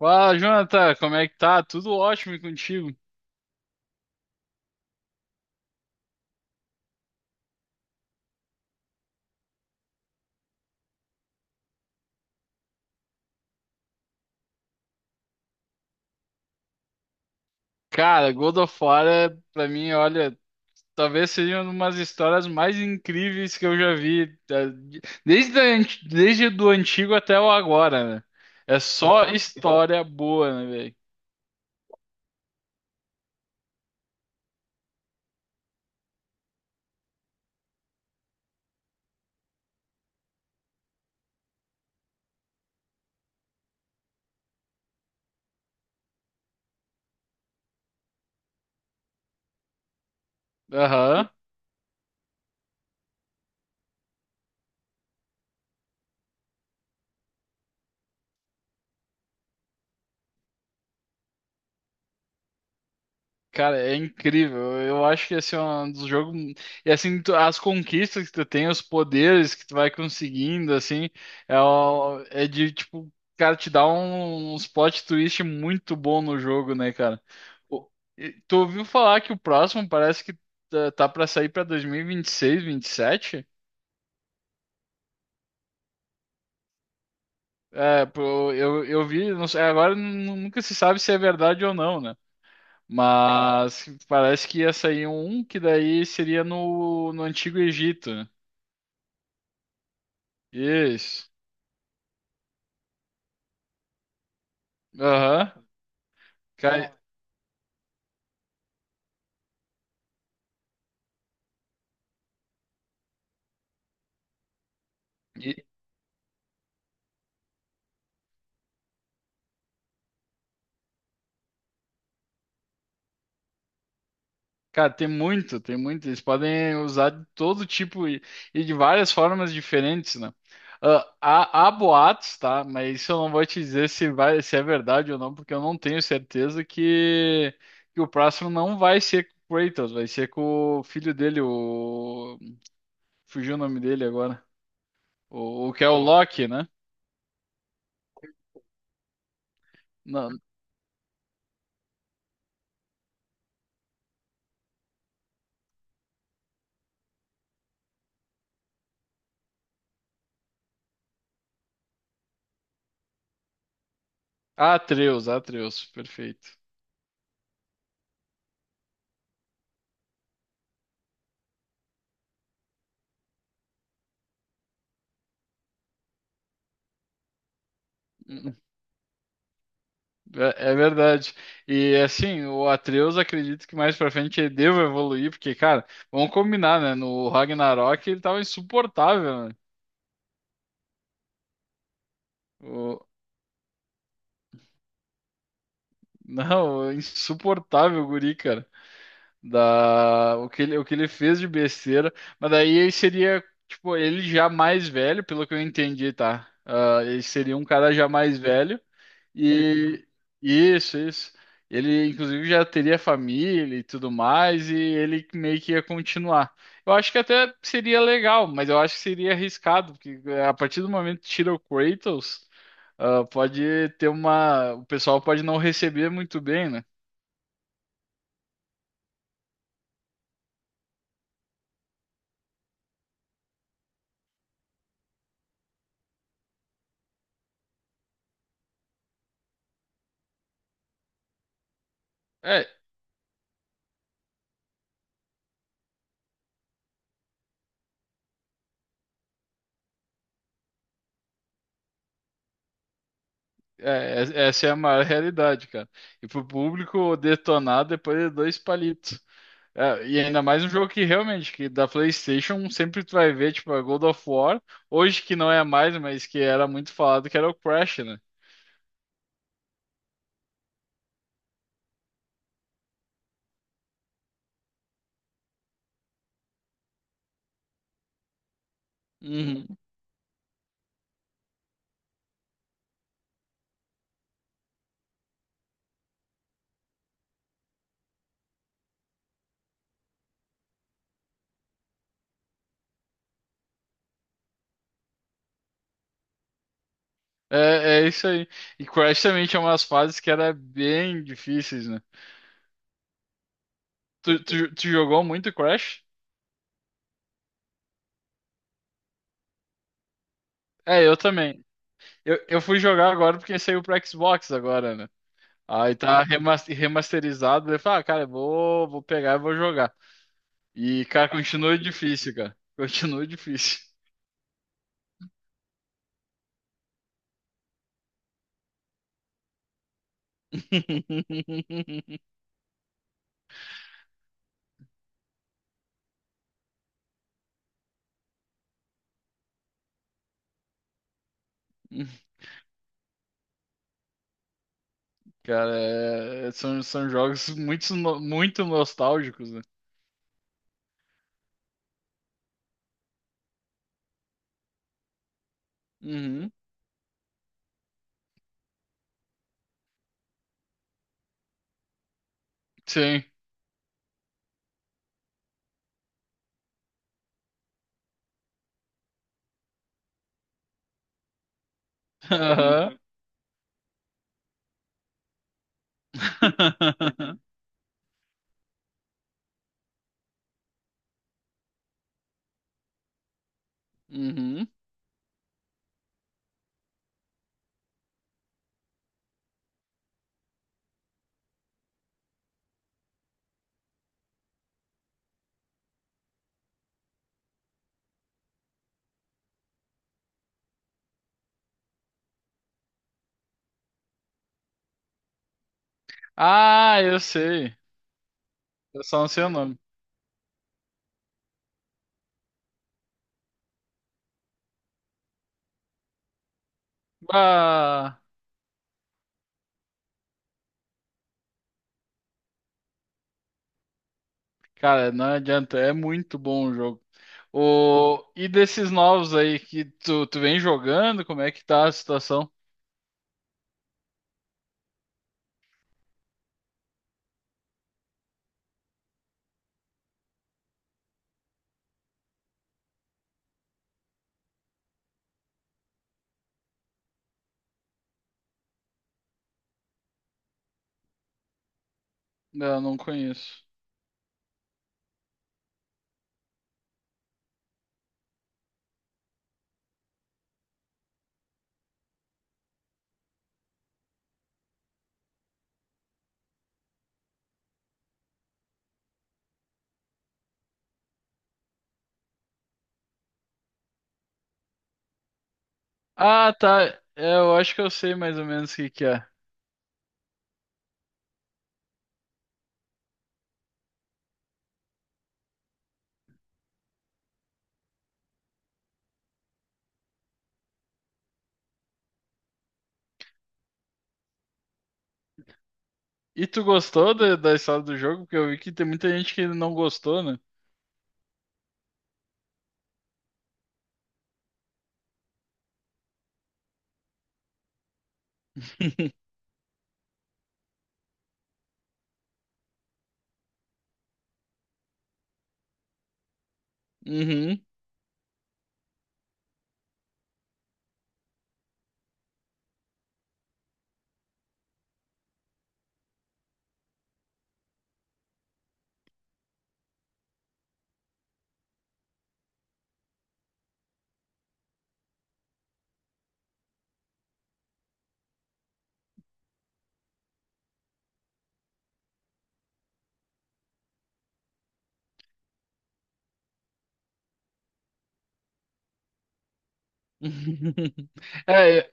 Fala, Jonathan, como é que tá? Tudo ótimo e contigo? Cara, God of War, é, pra mim, olha, talvez seja uma das histórias mais incríveis que eu já vi, tá? Desde a desde do antigo até o agora, né? É só história boa, né, velho? Aham. Cara, é incrível. Eu acho que esse é um dos jogos. E assim, as conquistas que tu tem, os poderes que tu vai conseguindo, assim, é, é de tipo, cara, te dá um, uns plot twist muito bom no jogo, né, cara? O- e tu ouviu falar que o próximo parece que tá pra sair pra 2026, 27? É, pô, eu vi, não sei, agora nunca se sabe se é verdade ou não, né? Mas parece que ia sair um que daí seria no, no Antigo Egito. Isso. Aham. Cara, e- tem muito, tem muito. Eles podem usar de todo tipo e de várias formas diferentes, né? Ah, há, há boatos, tá? Mas isso eu não vou te dizer se vai, se é verdade ou não, porque eu não tenho certeza que o próximo não vai ser com o Kratos, vai ser com o filho dele, o... Fugiu o nome dele agora. O que é o Loki, né? Não, Atreus, Atreus, perfeito. Hum, É, é verdade. E assim, o Atreus acredito que mais pra frente ele deva evoluir, porque, cara, vamos combinar, né? No Ragnarok ele tava insuportável, né? O... Não, insuportável o guri, cara. Da o que ele fez de besteira, mas daí ele seria, tipo, ele já mais velho, pelo que eu entendi, tá? Ah, ele seria um cara já mais velho. Rico. E isso, isso. Ele inclusive já teria família e tudo mais e ele meio que ia continuar. Eu acho que até seria legal, mas eu acho que seria arriscado, porque a partir do momento que tira o Kratos, ah, pode ter uma, o pessoal pode não receber muito bem, né? É. É, Essa é a maior realidade, cara. E pro público detonar depois de dois palitos. É, e ainda mais um jogo que realmente, que da PlayStation, sempre tu vai ver, tipo, a God of War, hoje que não é mais, mas que era muito falado, que era o Crash, né? Uhum. É, é isso aí. E Crash também tinha umas fases que era bem difíceis, né? Tu jogou muito Crash? É, eu também. Eu fui jogar agora porque saiu pro Xbox agora, né? Aí tá remasterizado. Eu falo, ah, cara, eu vou, vou pegar e vou jogar. E, cara, continua difícil, cara. Continua difícil. Cara, são, são jogos muito, muito nostálgicos, né? Uhum. Sim. Aham. Uhum. Ah, eu sei. Eu só não sei o nome. Ah. Cara, não adianta, é muito bom o jogo. O... E desses novos aí que tu vem jogando, como é que tá a situação? Eu não conheço. Ah, tá. É, eu acho que eu sei mais ou menos o que que é. E tu gostou da, da história do jogo? Porque eu vi que tem muita gente que não gostou, né? Uhum. É,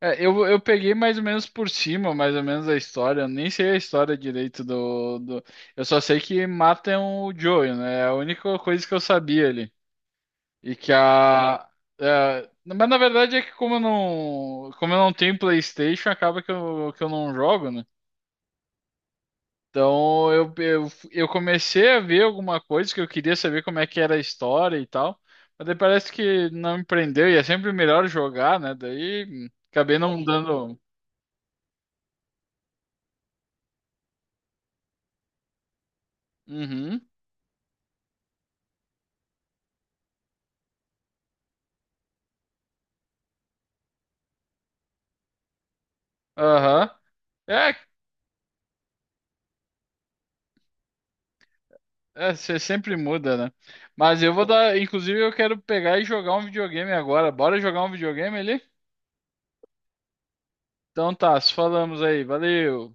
é, eu peguei mais ou menos por cima, mais ou menos a história. Eu nem sei a história direito do, do... Eu só sei que matam o Joel, né? É a única coisa que eu sabia ali. E que a. É, mas na verdade é que como eu não tenho PlayStation, acaba que eu não jogo, né? Então eu comecei a ver alguma coisa que eu queria saber como é que era a história e tal. Mas daí parece que não me prendeu e é sempre melhor jogar, né? Daí acabei não dando. Uhum. Aham. É, é, você sempre muda, né? Mas eu vou dar. Inclusive, eu quero pegar e jogar um videogame agora. Bora jogar um videogame ali? Então tá, se falamos aí. Valeu.